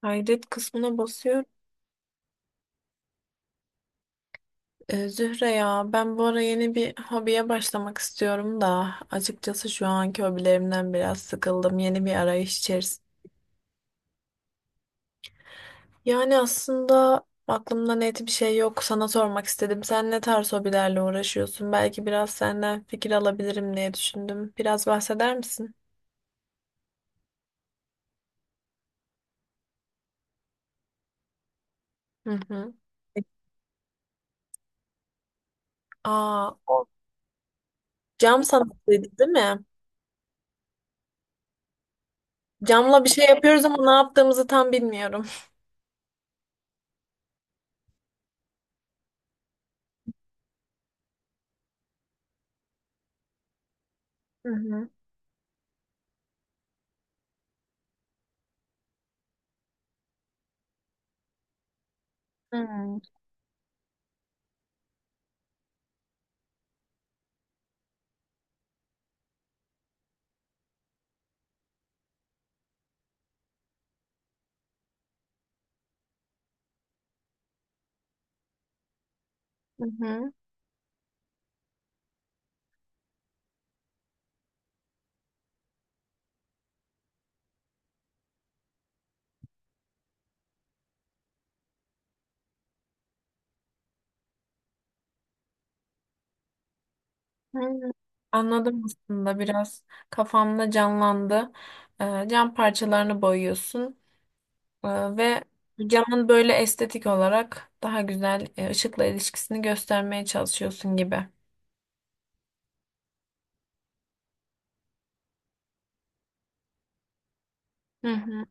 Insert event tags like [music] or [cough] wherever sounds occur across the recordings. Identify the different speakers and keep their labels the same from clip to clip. Speaker 1: Kaydet kısmına basıyorum. Zühre ya, ben bu ara yeni bir hobiye başlamak istiyorum da açıkçası şu anki hobilerimden biraz sıkıldım. Yeni bir arayış içerisinde. Yani aslında aklımda net bir şey yok. Sana sormak istedim. Sen ne tarz hobilerle uğraşıyorsun? Belki biraz senden fikir alabilirim diye düşündüm. Biraz bahseder misin? Hı hı. Aa, o cam sanatıydı değil mi? Camla bir şey yapıyoruz ama ne yaptığımızı tam bilmiyorum. Hı hı. Hmm. Hı hı. Hmm, Anladım, aslında biraz kafamda canlandı. Cam parçalarını boyuyorsun ve camın böyle estetik olarak daha güzel ışıkla ilişkisini göstermeye çalışıyorsun gibi. Hı hı.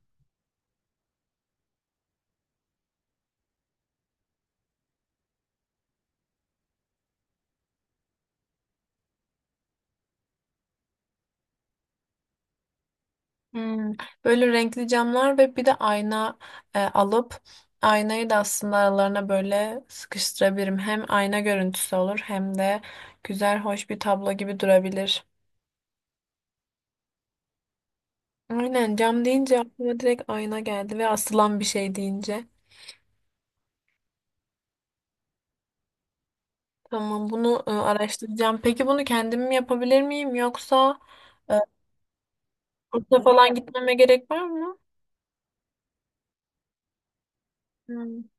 Speaker 1: Hmm. Böyle renkli camlar ve bir de ayna alıp aynayı da aslında aralarına böyle sıkıştırabilirim. Hem ayna görüntüsü olur hem de güzel, hoş bir tablo gibi durabilir. Aynen, cam deyince aklıma direkt ayna geldi ve asılan bir şey deyince. Tamam, bunu araştıracağım. Peki bunu kendim mi yapabilir miyim yoksa e, kursa falan gitmeme gerek var mı? Hmm.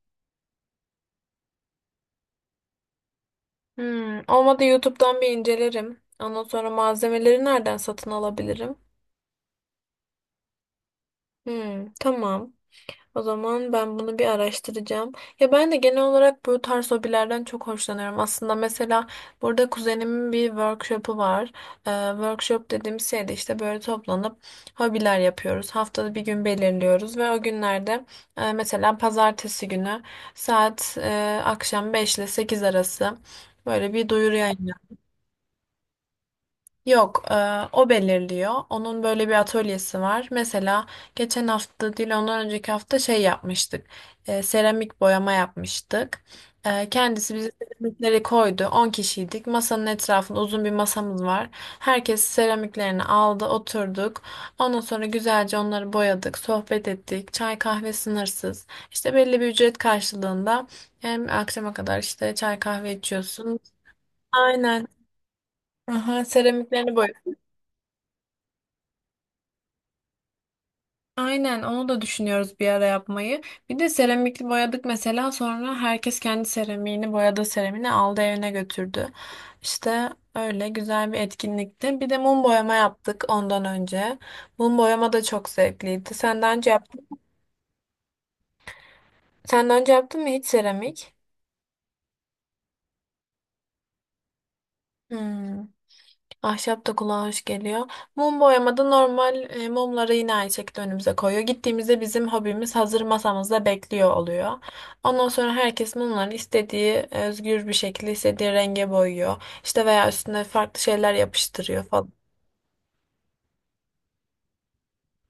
Speaker 1: Olmadı, YouTube'dan bir incelerim. Ondan sonra malzemeleri nereden satın alabilirim? Hmm, tamam. O zaman ben bunu bir araştıracağım. Ya ben de genel olarak bu tarz hobilerden çok hoşlanıyorum. Aslında mesela burada kuzenimin bir workshop'u var. Workshop dediğimiz şey de işte böyle toplanıp hobiler yapıyoruz. Haftada bir gün belirliyoruz ve o günlerde mesela pazartesi günü saat akşam 5 ile 8 arası böyle bir duyuru. Yok, o belirliyor. Onun böyle bir atölyesi var. Mesela geçen hafta değil, ondan önceki hafta şey yapmıştık. Seramik boyama yapmıştık. Kendisi bize seramikleri koydu. 10 kişiydik. Masanın etrafında uzun bir masamız var. Herkes seramiklerini aldı, oturduk. Ondan sonra güzelce onları boyadık, sohbet ettik. Çay kahve sınırsız. İşte belli bir ücret karşılığında hem akşama kadar işte çay kahve içiyorsun. Aynen. Aha, seramiklerini boy. Aynen, onu da düşünüyoruz bir ara yapmayı. Bir de seramikli boyadık mesela, sonra herkes kendi seramiğini, boyadığı seramiğini aldı evine götürdü. İşte öyle güzel bir etkinlikti. Bir de mum boyama yaptık ondan önce. Mum boyama da çok zevkliydi. Senden önce yaptın mı hiç seramik? Hmm. Ahşap da kulağa hoş geliyor. Mum boyamada normal mumları yine aynı şekilde önümüze koyuyor. Gittiğimizde bizim hobimiz hazır masamızda bekliyor oluyor. Ondan sonra herkes mumlarını istediği, özgür bir şekilde istediği renge boyuyor. İşte veya üstüne farklı şeyler yapıştırıyor falan.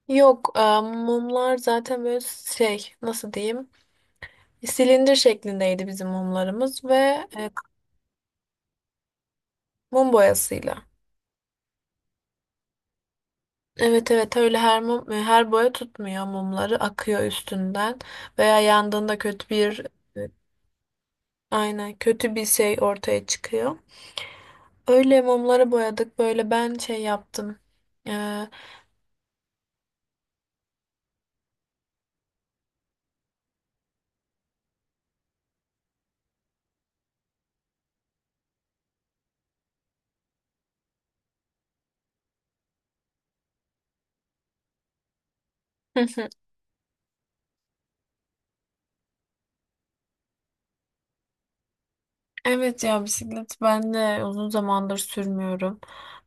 Speaker 1: Yok, mumlar zaten böyle şey, nasıl diyeyim, silindir şeklindeydi bizim mumlarımız ve e, mum boyasıyla. Evet, evet, öyle her mum, her boya tutmuyor, mumları akıyor üstünden veya yandığında kötü bir e, aynen kötü bir şey ortaya çıkıyor. Öyle mumları boyadık, böyle ben şey yaptım. Ee, Hı hı. [laughs] Evet ya, bisiklet ben de uzun zamandır sürmüyorum.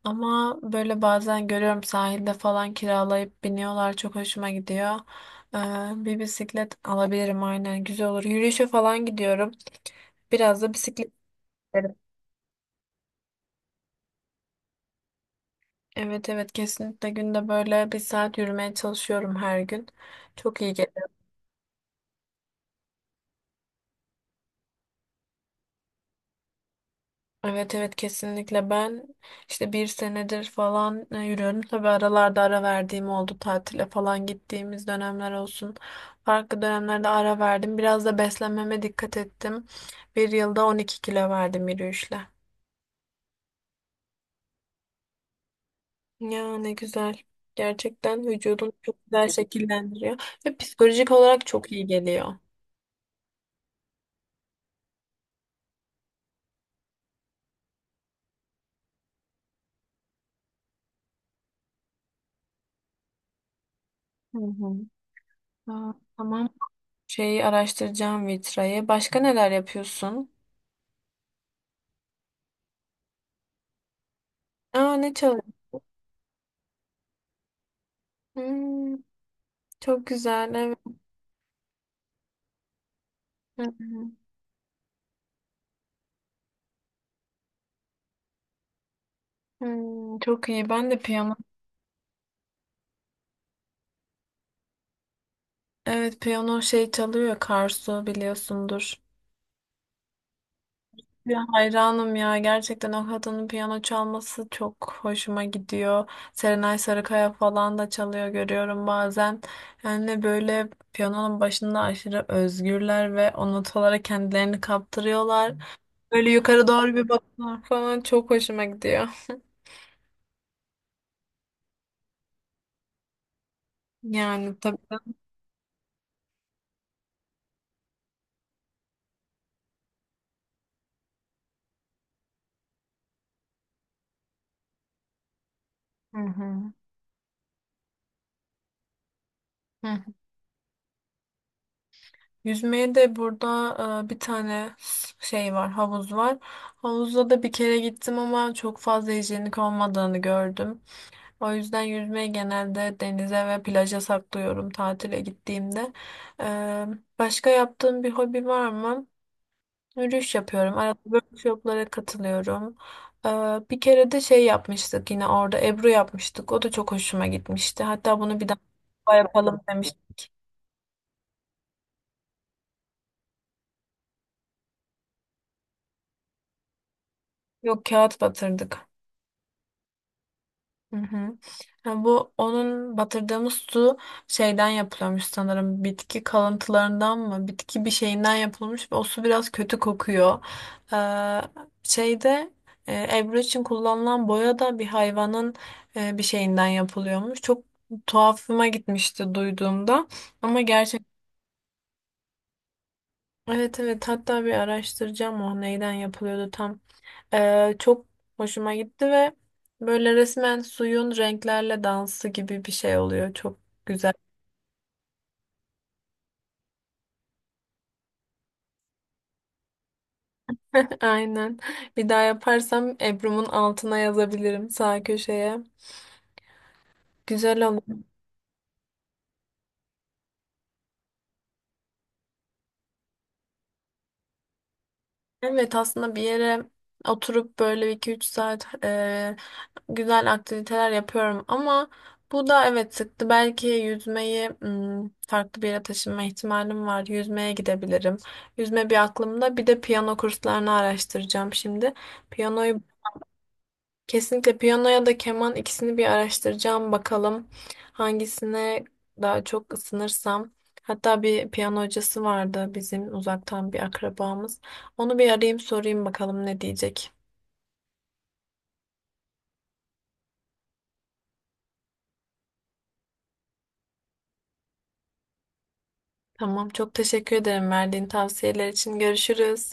Speaker 1: Ama böyle bazen görüyorum, sahilde falan kiralayıp biniyorlar, çok hoşuma gidiyor. Ee, Bir bisiklet alabilirim, aynen güzel olur. Yürüyüşe falan gidiyorum. Biraz da bisiklet. Evet, evet, kesinlikle günde böyle bir saat yürümeye çalışıyorum her gün. Çok iyi geliyor. Evet, evet, kesinlikle ben işte bir senedir falan yürüyorum. Tabii aralarda ara verdiğim oldu, tatile falan gittiğimiz dönemler olsun. Farklı dönemlerde ara verdim. Biraz da beslenmeme dikkat ettim. Bir yılda 12 kilo verdim yürüyüşle. Ya ne güzel. Gerçekten vücudunu çok güzel şekillendiriyor ve psikolojik olarak çok iyi geliyor. Hı hı. Aa, tamam. Şeyi araştıracağım, vitrayı. Başka neler yapıyorsun? Aa, ne çalıyorsun? Hmm, çok güzel. Evet. Hı hı. Çok iyi. Ben de piyano. Evet, piyano şey çalıyor, Karsu biliyorsundur. Ya hayranım ya, gerçekten o kadının piyano çalması çok hoşuma gidiyor. Serenay Sarıkaya falan da çalıyor, görüyorum bazen. Yani böyle piyanonun başında aşırı özgürler ve o notalara kendilerini kaptırıyorlar. Böyle yukarı doğru bir bakıyorlar falan, çok hoşuma gidiyor. Yani tabii. Hı hı. Hı. Yüzmeye de burada bir tane şey var, havuz var. Havuzda da bir kere gittim ama çok fazla hijyenik olmadığını gördüm. O yüzden yüzmeyi genelde denize ve plaja saklıyorum tatile gittiğimde. E, Başka yaptığım bir hobi var mı? Yürüyüş yapıyorum. Arada workshoplara katılıyorum. E, Bir kere de şey yapmıştık yine orada, Ebru yapmıştık. O da çok hoşuma gitmişti. Hatta bunu bir daha yapalım demiştik. Yok, kağıt batırdık. Hı hı. Ha, bu onun, batırdığımız su şeyden yapılıyormuş sanırım. Bitki kalıntılarından mı? Bitki bir şeyinden yapılmış ve o su biraz kötü kokuyor. Ee, Şeyde, Ebru için kullanılan boya da bir hayvanın bir şeyinden yapılıyormuş. Çok tuhafıma gitmişti duyduğumda. Ama gerçek, evet, evet, hatta bir araştıracağım o neyden yapılıyordu tam. Çok hoşuma gitti ve böyle resmen suyun renklerle dansı gibi bir şey oluyor. Çok güzel. [laughs] Aynen. Bir daha yaparsam Ebru'mun altına yazabilirim sağ köşeye. Güzel olmuş. Evet, aslında bir yere oturup böyle 2-3 saat güzel aktiviteler yapıyorum ama bu da evet sıktı. Belki yüzmeyi, farklı bir yere taşınma ihtimalim var. Yüzmeye gidebilirim. Yüzme bir aklımda. Bir de piyano kurslarını araştıracağım şimdi. Piyanoyu. Kesinlikle piyano ya da keman, ikisini bir araştıracağım bakalım hangisine daha çok ısınırsam. Hatta bir piyano hocası vardı, bizim uzaktan bir akrabamız. Onu bir arayayım, sorayım bakalım ne diyecek. Tamam, çok teşekkür ederim verdiğin tavsiyeler için. Görüşürüz.